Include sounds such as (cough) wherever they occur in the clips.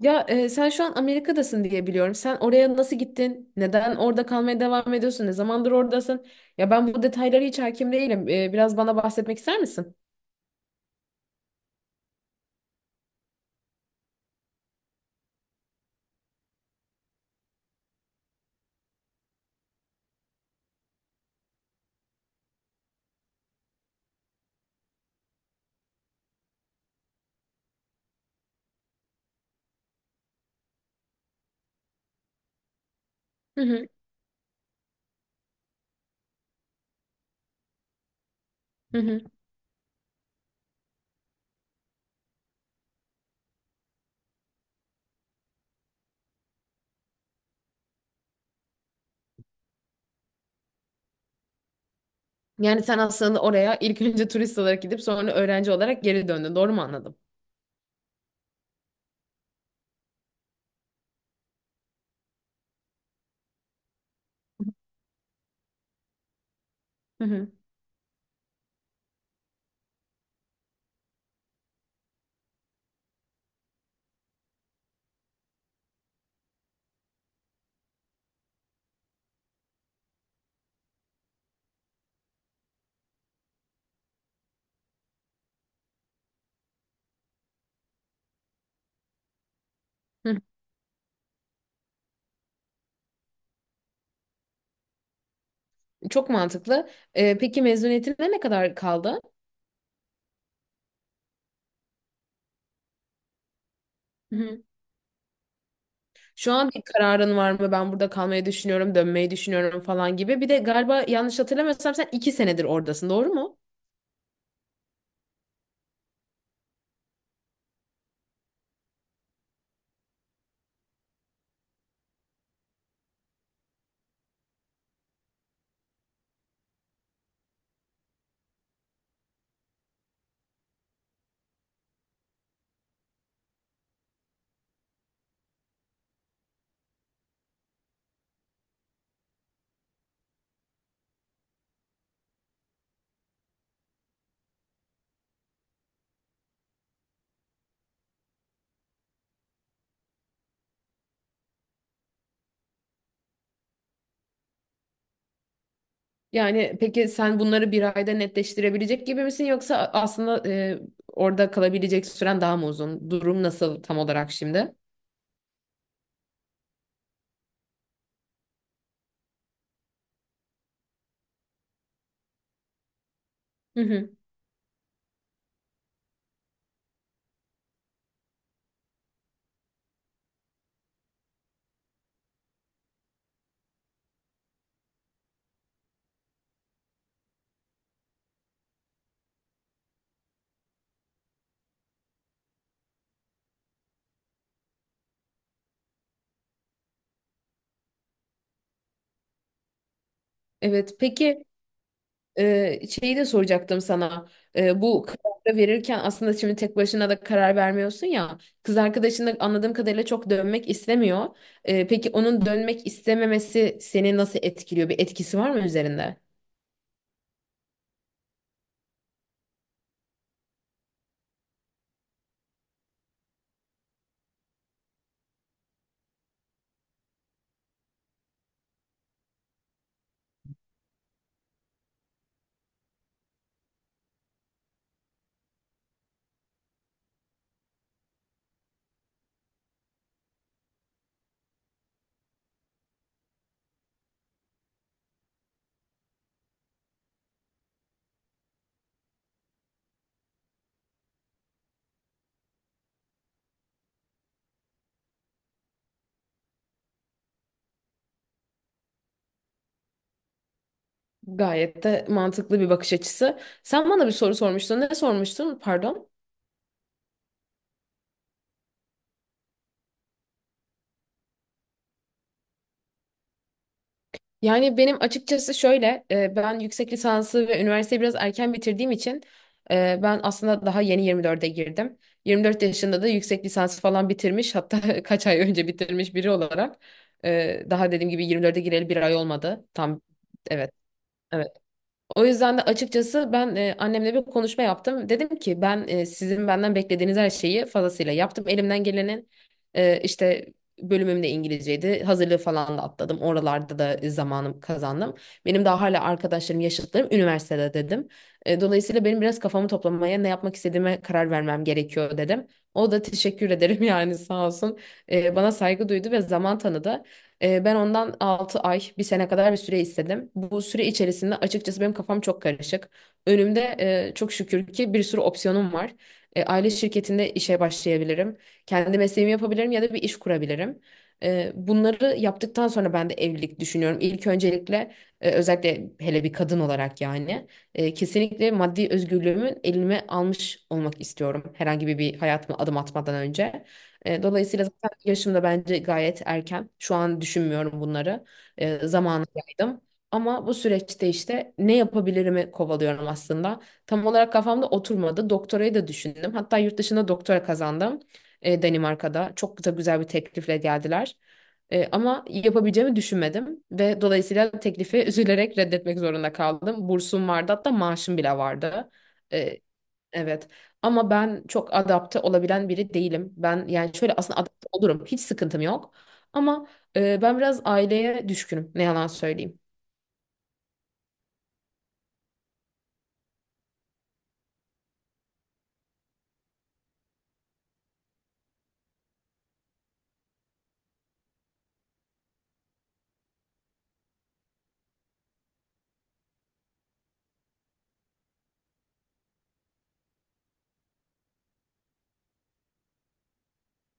Sen şu an Amerika'dasın diye biliyorum. Sen oraya nasıl gittin? Neden orada kalmaya devam ediyorsun? Ne zamandır oradasın? Ya ben bu detaylara hiç hakim değilim. Biraz bana bahsetmek ister misin? Hı hı, hı hı. Yani sen aslında oraya ilk (laughs) önce turist olarak gidip sonra öğrenci olarak geri döndün. Doğru mu anladım? Hı hı, hı. Çok mantıklı. Peki mezuniyetine ne kadar kaldı? Şu an bir kararın var mı? Ben burada kalmayı düşünüyorum, dönmeyi düşünüyorum falan gibi. Bir de galiba yanlış hatırlamıyorsam sen iki senedir oradasın, doğru mu? Yani peki sen bunları bir ayda netleştirebilecek gibi misin yoksa aslında orada kalabilecek süren daha mı uzun? Durum nasıl tam olarak şimdi? Hı hı. Evet, peki. Şeyi de soracaktım sana. Bu kararı verirken aslında şimdi tek başına da karar vermiyorsun ya. Kız arkadaşın da anladığım kadarıyla çok dönmek istemiyor. Peki onun dönmek istememesi seni nasıl etkiliyor? Bir etkisi var mı üzerinde? Gayet de mantıklı bir bakış açısı. Sen bana bir soru sormuştun. Ne sormuştun? Pardon. Yani benim açıkçası şöyle, ben yüksek lisansı ve üniversiteyi biraz erken bitirdiğim için ben aslında daha yeni 24'e girdim. 24 yaşında da yüksek lisansı falan bitirmiş, hatta (laughs) kaç ay önce bitirmiş biri olarak. Daha dediğim gibi 24'e gireli bir ay olmadı. Tam. Evet, evet. O yüzden de açıkçası ben annemle bir konuşma yaptım. Dedim ki ben sizin benden beklediğiniz her şeyi fazlasıyla yaptım. Elimden gelenin işte bölümüm de İngilizceydi. Hazırlığı falan da atladım. Oralarda da zamanım kazandım. Benim daha hala arkadaşlarım, yaşıtlarım üniversitede dedim. Dolayısıyla benim biraz kafamı toplamaya, ne yapmak istediğime karar vermem gerekiyor dedim. O da teşekkür ederim (laughs) yani sağ olsun. Bana saygı duydu ve zaman tanıdı. Ben ondan 6 ay, bir sene kadar bir süre istedim. Bu süre içerisinde açıkçası benim kafam çok karışık. Önümde çok şükür ki bir sürü opsiyonum var. Aile şirketinde işe başlayabilirim. Kendi mesleğimi yapabilirim ya da bir iş kurabilirim. Bunları yaptıktan sonra ben de evlilik düşünüyorum. İlk öncelikle özellikle hele bir kadın olarak yani kesinlikle maddi özgürlüğümün elime almış olmak istiyorum. Herhangi bir hayatıma adım atmadan önce. Dolayısıyla zaten yaşım da bence gayet erken. Şu an düşünmüyorum bunları. Zamanı yaydım. Ama bu süreçte işte ne yapabilirimi kovalıyorum aslında. Tam olarak kafamda oturmadı. Doktorayı da düşündüm. Hatta yurt dışında doktora kazandım. Danimarka'da. Çok da güzel bir teklifle geldiler. Ama yapabileceğimi düşünmedim ve dolayısıyla teklifi üzülerek reddetmek zorunda kaldım. Bursum vardı hatta maaşım bile vardı. Evet. Ama ben çok adapte olabilen biri değilim. Ben yani şöyle aslında adapte olurum. Hiç sıkıntım yok. Ama ben biraz aileye düşkünüm. Ne yalan söyleyeyim.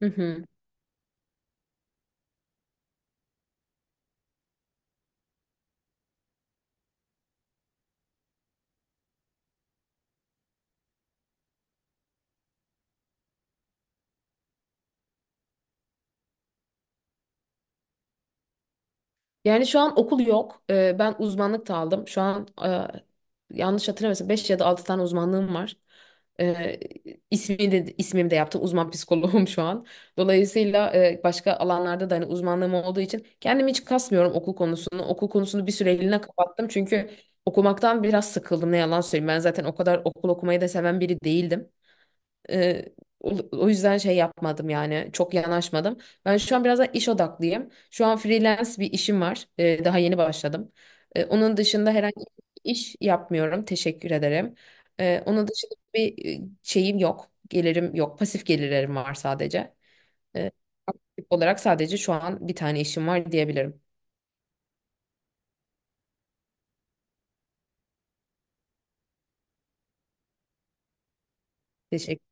Hı hı. Yani şu an okul yok. Ben uzmanlık da aldım. Şu an yanlış hatırlamıyorsam 5 ya da 6 tane uzmanlığım var. Ee, ismi de, ismimi de yaptım. Uzman psikoloğum (laughs) şu an. Dolayısıyla başka alanlarda da hani uzmanlığım olduğu için kendimi hiç kasmıyorum okul konusunu. Okul konusunu bir süreliğine kapattım. Çünkü okumaktan biraz sıkıldım ne yalan söyleyeyim. Ben zaten o kadar okul okumayı da seven biri değildim. Ee, o yüzden şey yapmadım yani çok yanaşmadım. Ben şu an biraz da iş odaklıyım. Şu an freelance bir işim var. Daha yeni başladım. Onun dışında herhangi bir iş yapmıyorum. Teşekkür ederim. Onun dışında bir şeyim yok. Gelirim yok. Pasif gelirlerim var sadece. Ee, Olarak sadece şu an bir tane işim var diyebilirim. Teşekkür.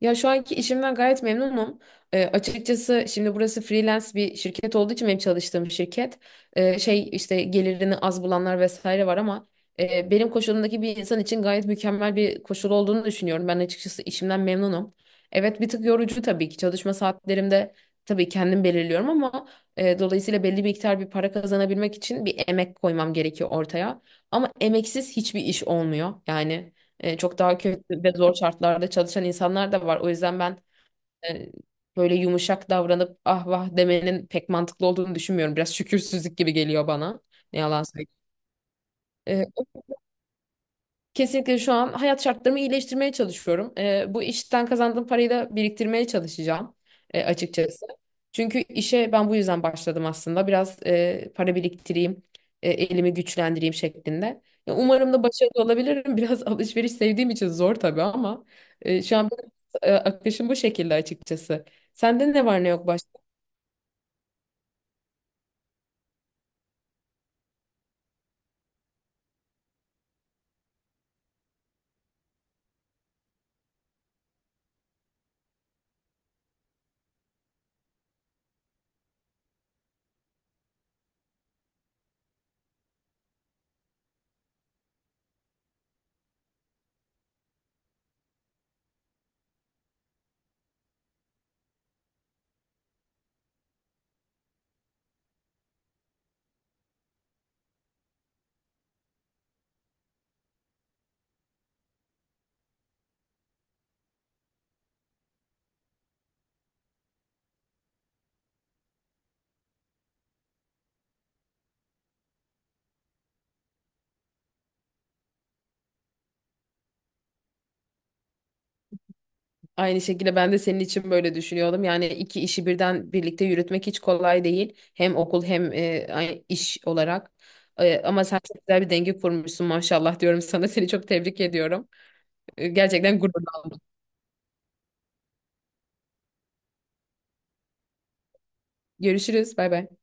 Ya şu anki işimden gayet memnunum. Açıkçası şimdi burası freelance bir şirket olduğu için benim çalıştığım şirket şey işte gelirini az bulanlar vesaire var ama benim koşulumdaki bir insan için gayet mükemmel bir koşul olduğunu düşünüyorum. Ben açıkçası işimden memnunum. Evet bir tık yorucu tabii ki çalışma saatlerimde tabii kendim belirliyorum ama dolayısıyla belli bir miktar bir para kazanabilmek için bir emek koymam gerekiyor ortaya. Ama emeksiz hiçbir iş olmuyor yani. Çok daha kötü ve zor şartlarda çalışan insanlar da var. O yüzden ben e, böyle yumuşak davranıp ah vah demenin pek mantıklı olduğunu düşünmüyorum. Biraz şükürsüzlük gibi geliyor bana. Ne yalan söyleyeyim. Kesinlikle şu an hayat şartlarımı iyileştirmeye çalışıyorum. Bu işten kazandığım parayı da biriktirmeye çalışacağım açıkçası. Çünkü işe ben bu yüzden başladım aslında. Biraz para biriktireyim, elimi güçlendireyim şeklinde. Ya, umarım da başarılı olabilirim. (laughs) Biraz alışveriş sevdiğim için zor tabii ama şu an benim, akışım bu şekilde açıkçası. Sende ne var ne yok? Aynı şekilde ben de senin için böyle düşünüyordum. Yani iki işi birden birlikte yürütmek hiç kolay değil. Hem okul hem iş olarak. Ama sen çok güzel bir denge kurmuşsun maşallah diyorum sana. (laughs) Seni çok tebrik ediyorum. Gerçekten gurur aldım. Görüşürüz. Bay bay.